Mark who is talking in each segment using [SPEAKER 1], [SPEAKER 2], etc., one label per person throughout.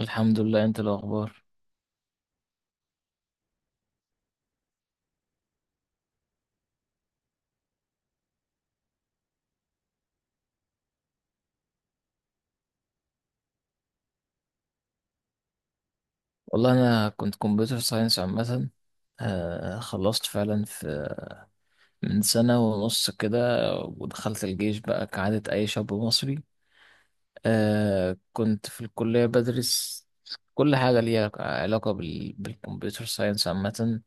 [SPEAKER 1] الحمد لله، انت إيه الاخبار؟ والله انا كنت كمبيوتر ساينس عامه. خلصت فعلا في من سنه ونص كده، ودخلت الجيش بقى كعاده اي شاب مصري. كنت في الكليه بدرس كل حاجه ليها علاقه بالكمبيوتر ساينس عامه.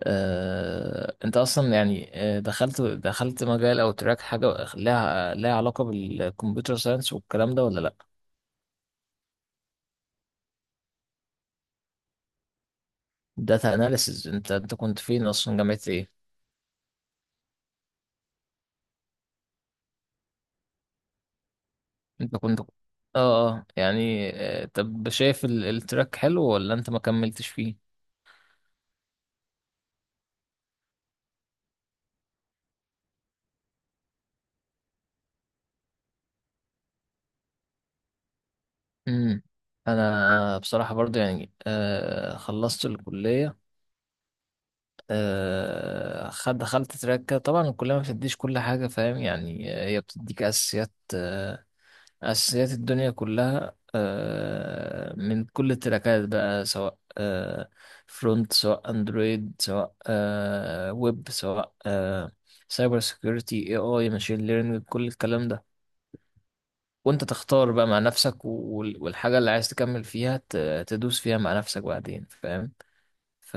[SPEAKER 1] انت اصلا يعني، دخلت مجال او تراك، حاجه لها علاقه بالكمبيوتر ساينس والكلام ده ولا لا؟ داتا اناليسز، انت كنت فين اصلا؟ جامعه ايه؟ انت كنت، اه يعني، طب شايف التراك حلو ولا انت ما كملتش فيه؟ امم انا بصراحة برضو يعني خلصت الكلية. آه خد دخلت تراك كده. طبعا الكلية ما بتديش كل حاجة، فاهم؟ يعني هي بتديك اساسيات، أساسيات الدنيا كلها، من كل التراكات بقى، سواء فرونت، سواء اندرويد، سواء ويب، سواء سايبر سيكيورتي، اي ماشين ليرنينج، كل الكلام ده. وانت تختار بقى مع نفسك والحاجة اللي عايز تكمل فيها، تدوس فيها مع نفسك بعدين، فاهم؟ ف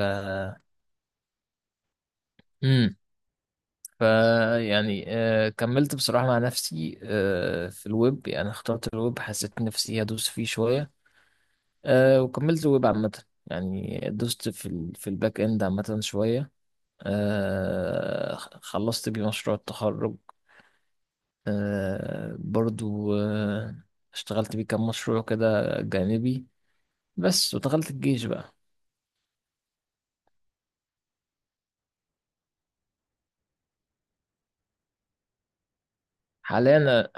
[SPEAKER 1] امم ف يعني، كملت بصراحة مع نفسي، في الويب. يعني اخترت الويب، حسيت نفسي هدوس فيه شوية. وكملت ويب عامة. يعني دوست في الباك اند عامة شوية. خلصت بيه مشروع التخرج. برضو. اشتغلت بيه كام مشروع كده جانبي بس، ودخلت الجيش بقى. حاليا أنا-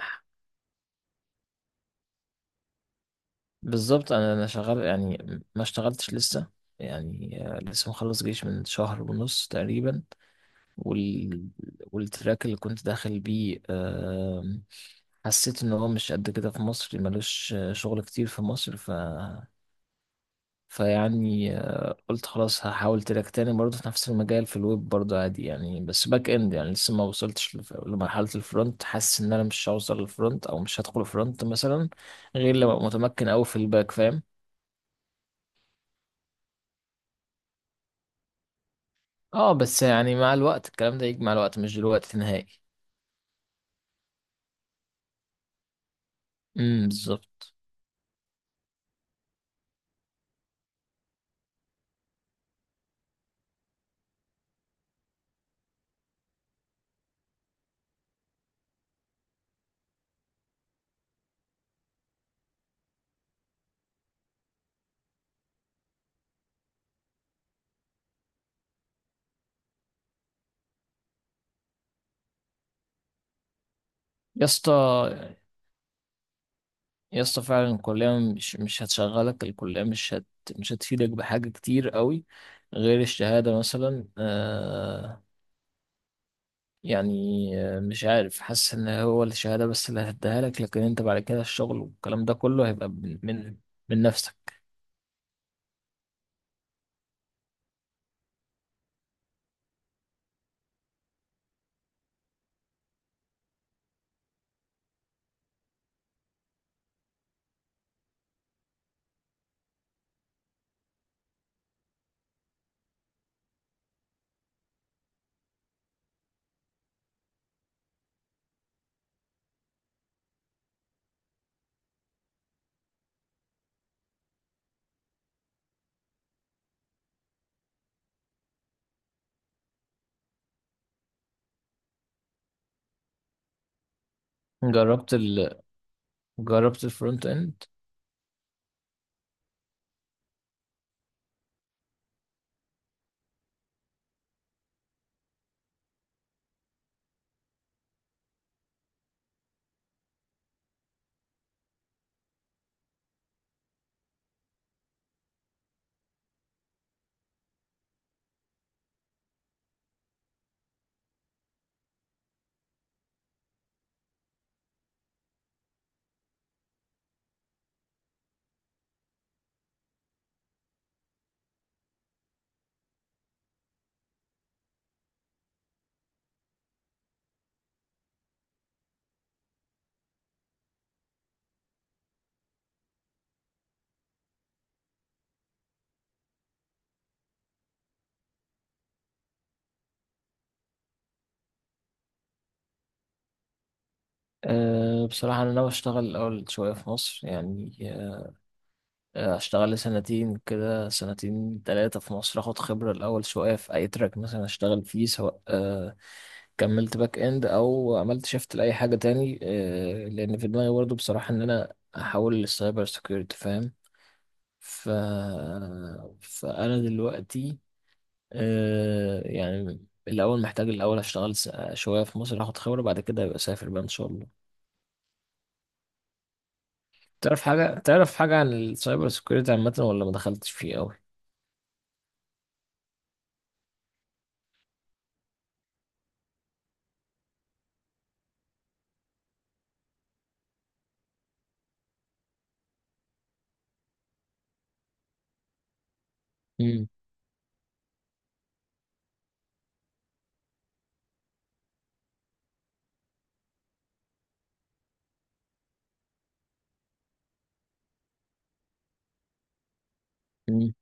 [SPEAKER 1] بالظبط، انا شغال يعني. ما اشتغلتش لسه. يعني لسه مخلص جيش من شهر ونص تقريبا. وال... والتراك اللي كنت داخل بيه، حسيت ان هو مش قد كده في مصر، ملوش شغل كتير في مصر. فيعني قلت خلاص هحاول تراك تاني برضه في نفس المجال، في الويب برضه عادي يعني، بس باك اند يعني. لسه ما وصلتش لمرحلة الفرونت. حاسس ان انا مش هوصل للفرونت، او مش هدخل فرونت مثلا، غير لما ابقى متمكن اوي في الباك، فاهم؟ اه، بس يعني مع الوقت الكلام ده يجي، مع الوقت مش دلوقتي نهائي. امم، بالظبط. يا اسطى يا اسطى فعلا الكلية مش هتشغلك. الكلية مش هتفيدك بحاجة كتير قوي، غير الشهادة مثلا. يعني، مش عارف، حاسس ان هو الشهادة بس اللي هتديها لك. لكن انت بعد كده الشغل والكلام ده كله هيبقى من نفسك. جربت ال جربت الفرونت اند. بصراحة انا ناوي اشتغل الاول شوية في مصر يعني. اشتغل لي سنتين كده، سنتين تلاتة في مصر، اخد خبرة الاول شوية في اي تراك مثلا اشتغل فيه، سواء كملت باك اند او عملت شيفت لاي حاجة تاني. لان في دماغي برضه بصراحة ان انا احول للسايبر سيكيورتي، فاهم؟ ف... فانا دلوقتي يعني الاول محتاج، الاول اشتغل شوية في مصر، اخد خبرة، بعد كده ابقى اسافر بقى ان شاء الله. تعرف حاجة عن السايبر سيكيورتي عامة، ولا ما دخلتش فيه قوي؟ مم.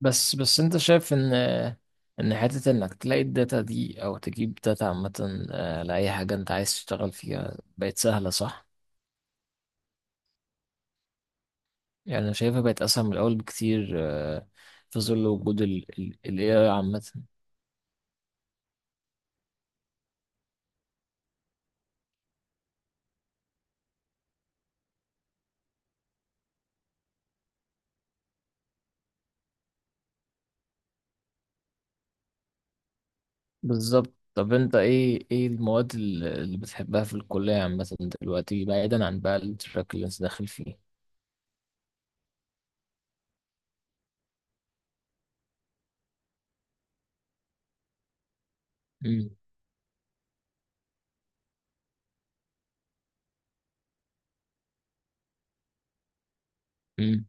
[SPEAKER 1] بس انت شايف ان حتة انك تلاقي الداتا دي او تجيب داتا عامة، لأي حاجة انت عايز تشتغل فيها، بقت سهلة صح؟ يعني انا شايفها بقت اسهل من الاول بكتير، في ظل وجود ال AI عامة. بالظبط. طب انت ايه المواد اللي بتحبها في الكلية عامة دلوقتي، بعيدا عن بقى التراك اللي انت داخل فيه؟ امم. امم.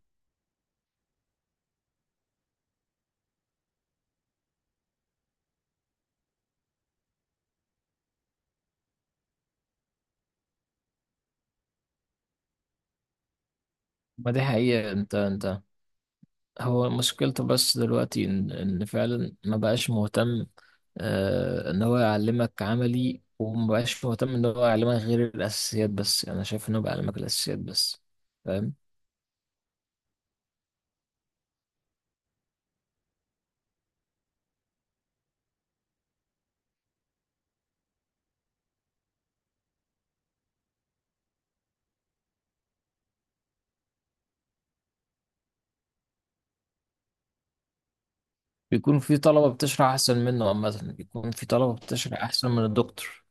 [SPEAKER 1] ما دي حقيقة. انت هو مشكلته بس دلوقتي إن فعلا ما بقاش مهتم، إن هو يعلمك عملي. وما بقاش مهتم إن هو يعلمك غير الأساسيات بس. يعني أنا شايف إنه بيعلمك الأساسيات بس. فاهم. بيكون في طلبة بتشرح أحسن منه عامة، بيكون في طلبة بتشرح أحسن من الدكتور.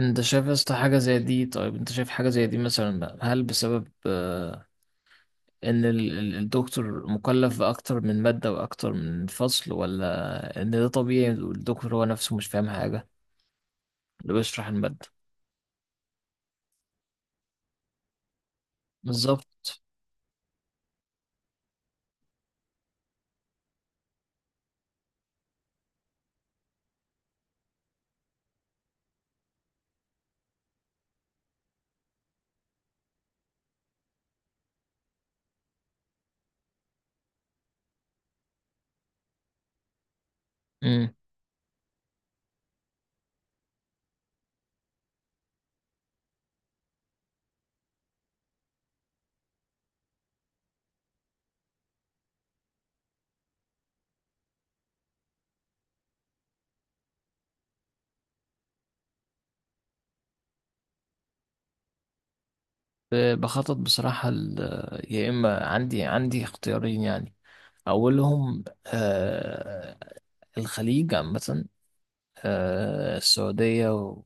[SPEAKER 1] أنت شايف يا اسطى حاجة زي دي؟ طيب أنت شايف حاجة زي دي مثلا هل بسبب إن الدكتور مكلف بأكتر من مادة وأكتر من فصل، ولا إن ده طبيعي والدكتور هو نفسه مش فاهم حاجة اللي بيشرح المادة؟ بالظبط. امم. بخطط بصراحة. يا إما عندي اختيارين يعني. أولهم الخليج عامة، السعودية و-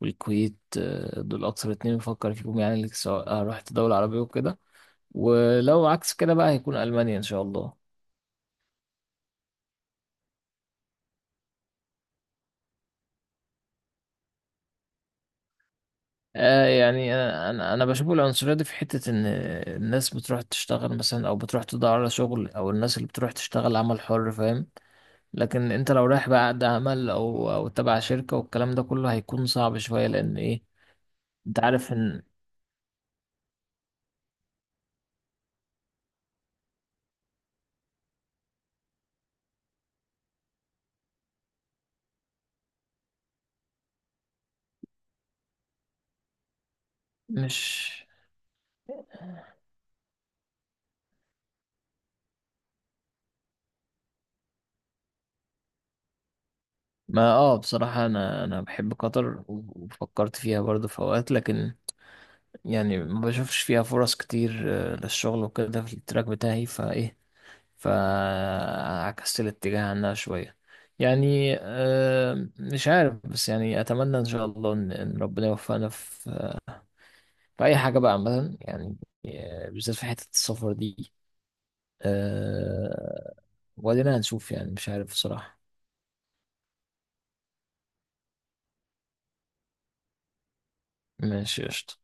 [SPEAKER 1] والكويت دول أكثر اتنين بفكر فيهم يعني، سواء رحت دولة عربية وكده. ولو عكس كده بقى هيكون ألمانيا إن شاء الله. يعني أنا بشوف العنصرية دي في حتة إن الناس بتروح تشتغل مثلا، أو بتروح تدور على شغل، أو الناس اللي بتروح تشتغل عمل حر، فاهم؟ لكن انت لو رايح بقى عقد عمل او تبع شركة والكلام ده كله، هيكون صعب شوية لان ايه، انت عارف ان مش. ما اه بصراحة انا بحب قطر وفكرت فيها برضه في اوقات، لكن يعني ما بشوفش فيها فرص كتير، للشغل وكده في التراك بتاعي فايه. فعكست الاتجاه عنها شوية. يعني مش عارف. بس يعني اتمنى ان شاء الله إن ربنا يوفقنا في في اي حاجة بقى عامة يعني، بالذات في حتة السفر دي. أه... وبعدين هنشوف، يعني مش عارف بصراحة. ماشي، قشطة.